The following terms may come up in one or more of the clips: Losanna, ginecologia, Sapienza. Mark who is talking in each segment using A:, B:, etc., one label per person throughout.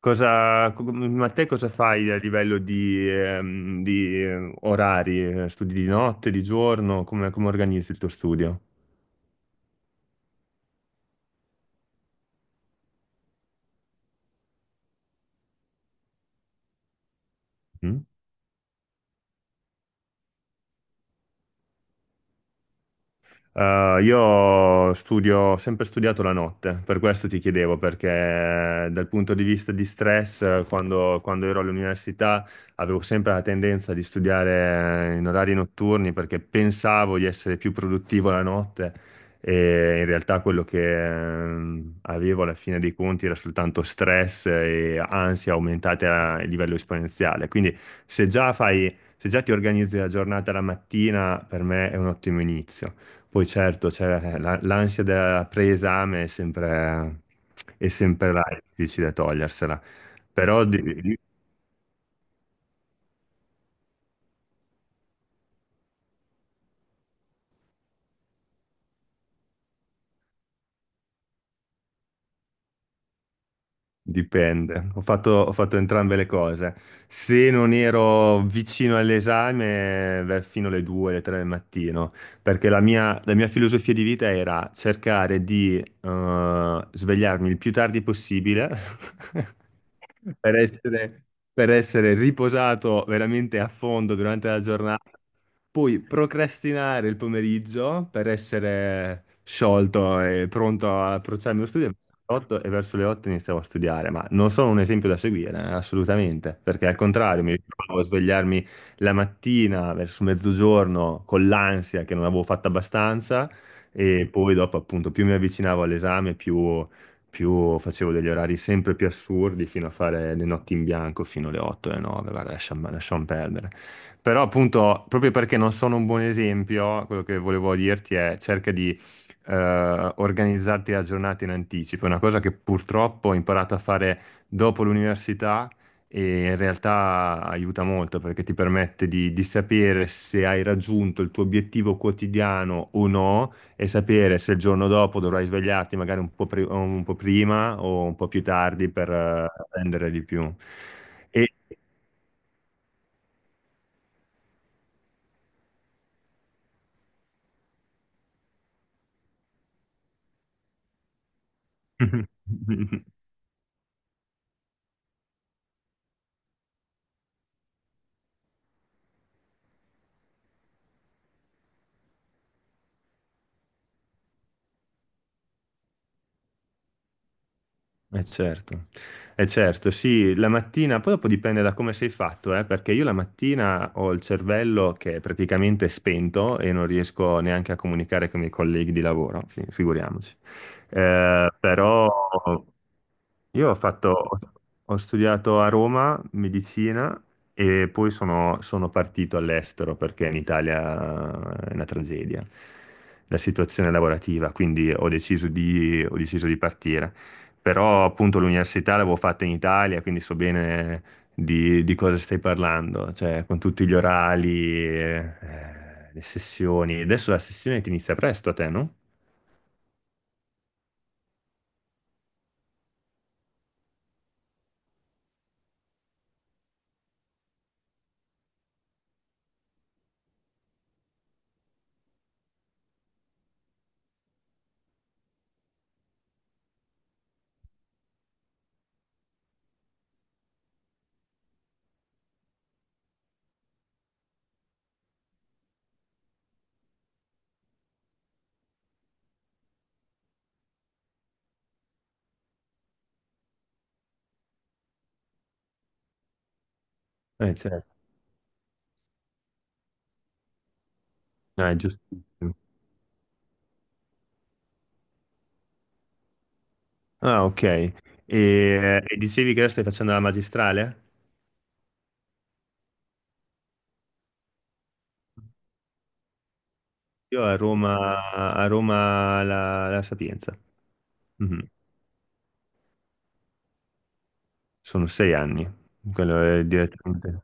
A: Ma te cosa fai a livello di orari? Studi di notte, di giorno? Come organizzi il tuo studio? Mm? Io studio, ho sempre studiato la notte, per questo ti chiedevo, perché dal punto di vista di stress, quando ero all'università avevo sempre la tendenza di studiare in orari notturni perché pensavo di essere più produttivo la notte e in realtà quello che avevo alla fine dei conti era soltanto stress e ansia aumentate a livello esponenziale. Quindi se già ti organizzi la giornata la mattina, per me è un ottimo inizio. Poi certo, c'è l'ansia da preesame è sempre là, è difficile togliersela, però dipende. Ho fatto entrambe le cose. Se non ero vicino all'esame, beh, fino alle 2, alle 3 del mattino, perché la mia filosofia di vita era cercare di svegliarmi il più tardi possibile per essere, per essere riposato veramente a fondo durante la giornata, poi procrastinare il pomeriggio per essere sciolto e pronto a approcciarmi allo studio. 8 e verso le 8 iniziavo a studiare, ma non sono un esempio da seguire, assolutamente, perché al contrario mi ritrovavo a svegliarmi la mattina verso mezzogiorno con l'ansia che non avevo fatto abbastanza e poi dopo, appunto, più mi avvicinavo all'esame, più facevo degli orari sempre più assurdi fino a fare le notti in bianco fino alle 8 alle 9, guarda, lasciamo perdere. Però, appunto, proprio perché non sono un buon esempio, quello che volevo dirti è cerca di organizzarti la giornata in anticipo. È una cosa che purtroppo ho imparato a fare dopo l'università e in realtà aiuta molto perché ti permette di sapere se hai raggiunto il tuo obiettivo quotidiano o no e sapere se il giorno dopo dovrai svegliarti magari un po' prima o un po' più tardi per prendere di più. E... Eh certo, eh certo, sì, la mattina, poi dopo dipende da come sei fatto, perché io la mattina ho il cervello che è praticamente spento e non riesco neanche a comunicare con i miei colleghi di lavoro, figuriamoci. Però io ho studiato a Roma medicina e poi sono partito all'estero perché in Italia è una tragedia la situazione lavorativa, quindi ho deciso di partire. Però appunto l'università l'avevo fatta in Italia, quindi so bene di cosa stai parlando, cioè con tutti gli orali, le sessioni. Adesso la sessione ti inizia presto a te, no? Certo. Ah, è giustissimo. Ah, ok. E dicevi che ora stai facendo la magistrale? Io a Roma la Sapienza. Mhm. Sono 6 anni. Quello è direttamente.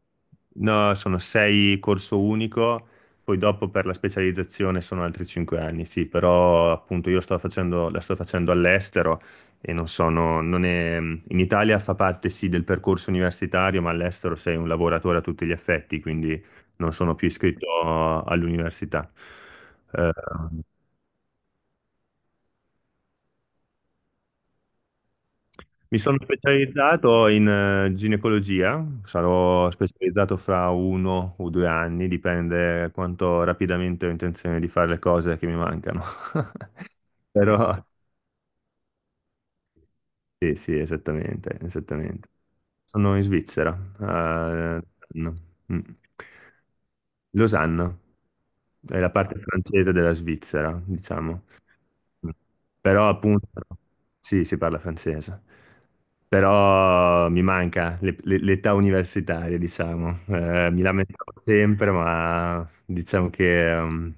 A: No, sono sei corso unico, poi dopo per la specializzazione sono altri 5 anni, sì, però appunto la sto facendo all'estero e non è, in Italia fa parte sì del percorso universitario, ma all'estero sei un lavoratore a tutti gli effetti, quindi non sono più iscritto all'università. Eh, Mi sono specializzato in ginecologia, sarò specializzato fra 1 o 2 anni, dipende quanto rapidamente ho intenzione di fare le cose che mi mancano. Però sì, sì, esattamente, esattamente. Sono in Svizzera, a Losanna. Mm. Losanna, è la parte francese della Svizzera, diciamo. Però appunto, sì, si parla francese, però mi manca l'età universitaria, diciamo. Mi lamentavo sempre, ma diciamo che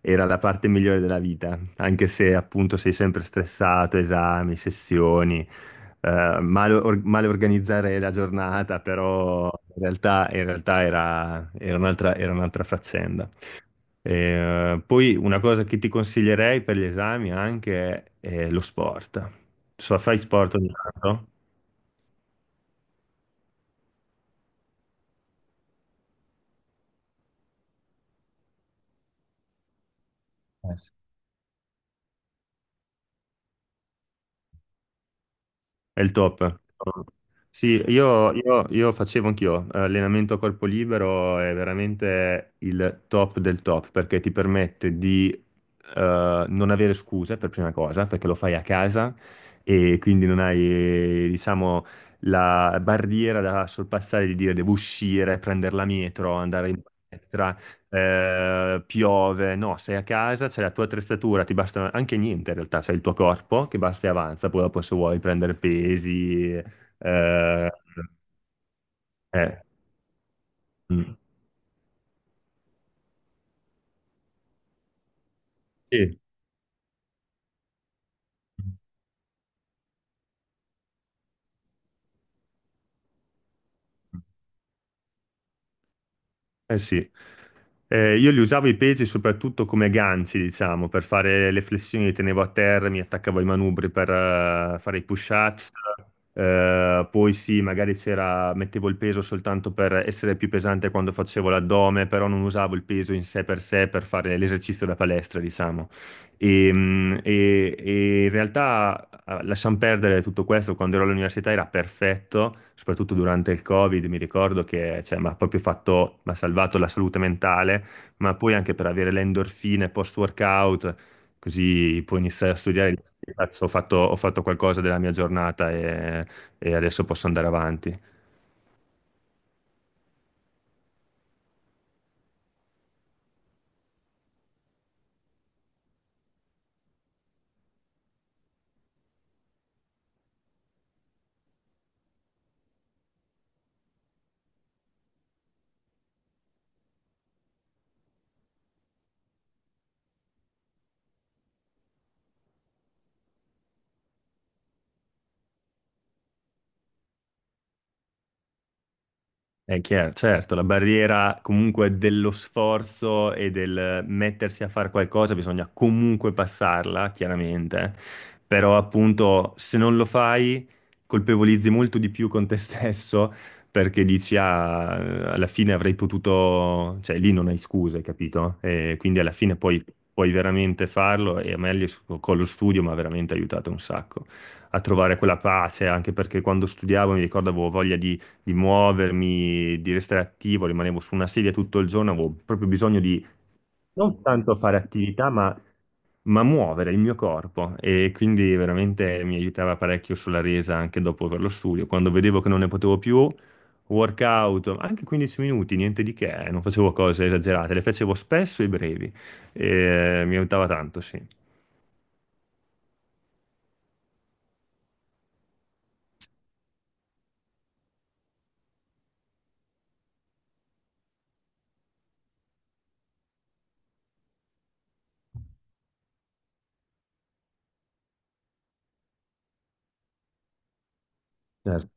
A: era la parte migliore della vita, anche se appunto sei sempre stressato, esami, sessioni, male, male organizzare la giornata, però in realtà era un'altra faccenda. Poi una cosa che ti consiglierei per gli esami anche è, lo sport. So, fai sport ogni tanto? Eh, È il top. Sì, io facevo anch'io allenamento a corpo libero, è veramente il top del top perché ti permette di non avere scuse per prima cosa, perché lo fai a casa e quindi non hai, diciamo, la barriera da sorpassare di dire devo uscire, prendere la metro, andare in palestra piove, no, sei a casa, c'è la tua attrezzatura, ti basta anche niente in realtà, c'è il tuo corpo che basta e avanza, poi dopo se vuoi prendere pesi, eh, mm. Sì. Eh sì, eh, io li usavo i pesi soprattutto come ganci, diciamo, per fare le flessioni, li tenevo a terra, mi attaccavo ai manubri per fare i push-ups. Poi sì, magari c'era, mettevo il peso soltanto per essere più pesante quando facevo l'addome, però non usavo il peso in sé per fare l'esercizio da palestra, diciamo. E, e in realtà lasciamo perdere tutto questo, quando ero all'università era perfetto, soprattutto durante il Covid, mi ricordo che cioè, mi ha salvato la salute mentale, ma poi anche per avere le endorfine post-workout, così puoi iniziare a studiare, e dici, "Cazzo, ho fatto qualcosa della mia giornata e adesso posso andare avanti." È chiaro, certo, la barriera comunque dello sforzo e del mettersi a fare qualcosa bisogna comunque passarla, chiaramente, però appunto se non lo fai colpevolizzi molto di più con te stesso perché dici ah, alla fine avrei potuto, cioè lì non hai scuse, capito? E quindi alla fine poi puoi veramente farlo e a me lì con lo studio mi ha veramente aiutato un sacco a trovare quella pace, anche perché quando studiavo mi ricordavo voglia di muovermi, di restare attivo, rimanevo su una sedia tutto il giorno, avevo proprio bisogno di non tanto fare attività, ma muovere il mio corpo e quindi veramente mi aiutava parecchio sulla resa anche dopo per lo studio. Quando vedevo che non ne potevo più, workout, anche 15 minuti, niente di che, non facevo cose esagerate, le facevo spesso e brevi e mi aiutava tanto, sì. Certo.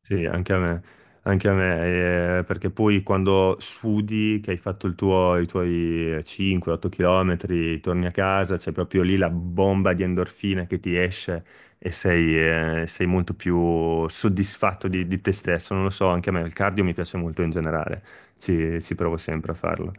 A: Sì, anche a me, perché poi quando sudi, che hai fatto i tuoi 5-8 km, torni a casa, c'è proprio lì la bomba di endorfina che ti esce e sei, sei molto più soddisfatto di te stesso, non lo so, anche a me il cardio mi piace molto in generale, ci provo sempre a farlo.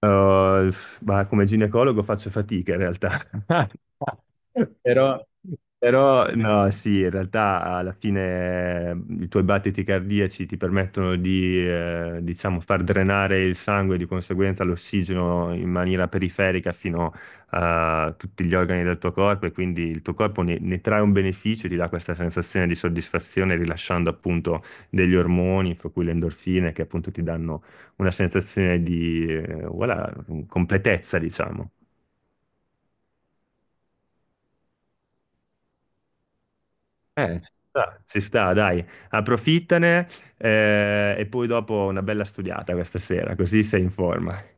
A: Uh, ma come ginecologo faccio fatica in realtà. Però, però, no, sì, in realtà alla fine i tuoi battiti cardiaci ti permettono diciamo, far drenare il sangue e di conseguenza l'ossigeno in maniera periferica fino a tutti gli organi del tuo corpo e quindi il tuo corpo ne trae un beneficio, ti dà questa sensazione di soddisfazione rilasciando appunto degli ormoni, fra cui le endorfine, che appunto ti danno una sensazione di voilà, completezza, diciamo. Ci sta. Si sta, dai, approfittane e poi dopo una bella studiata questa sera, così sei in forma.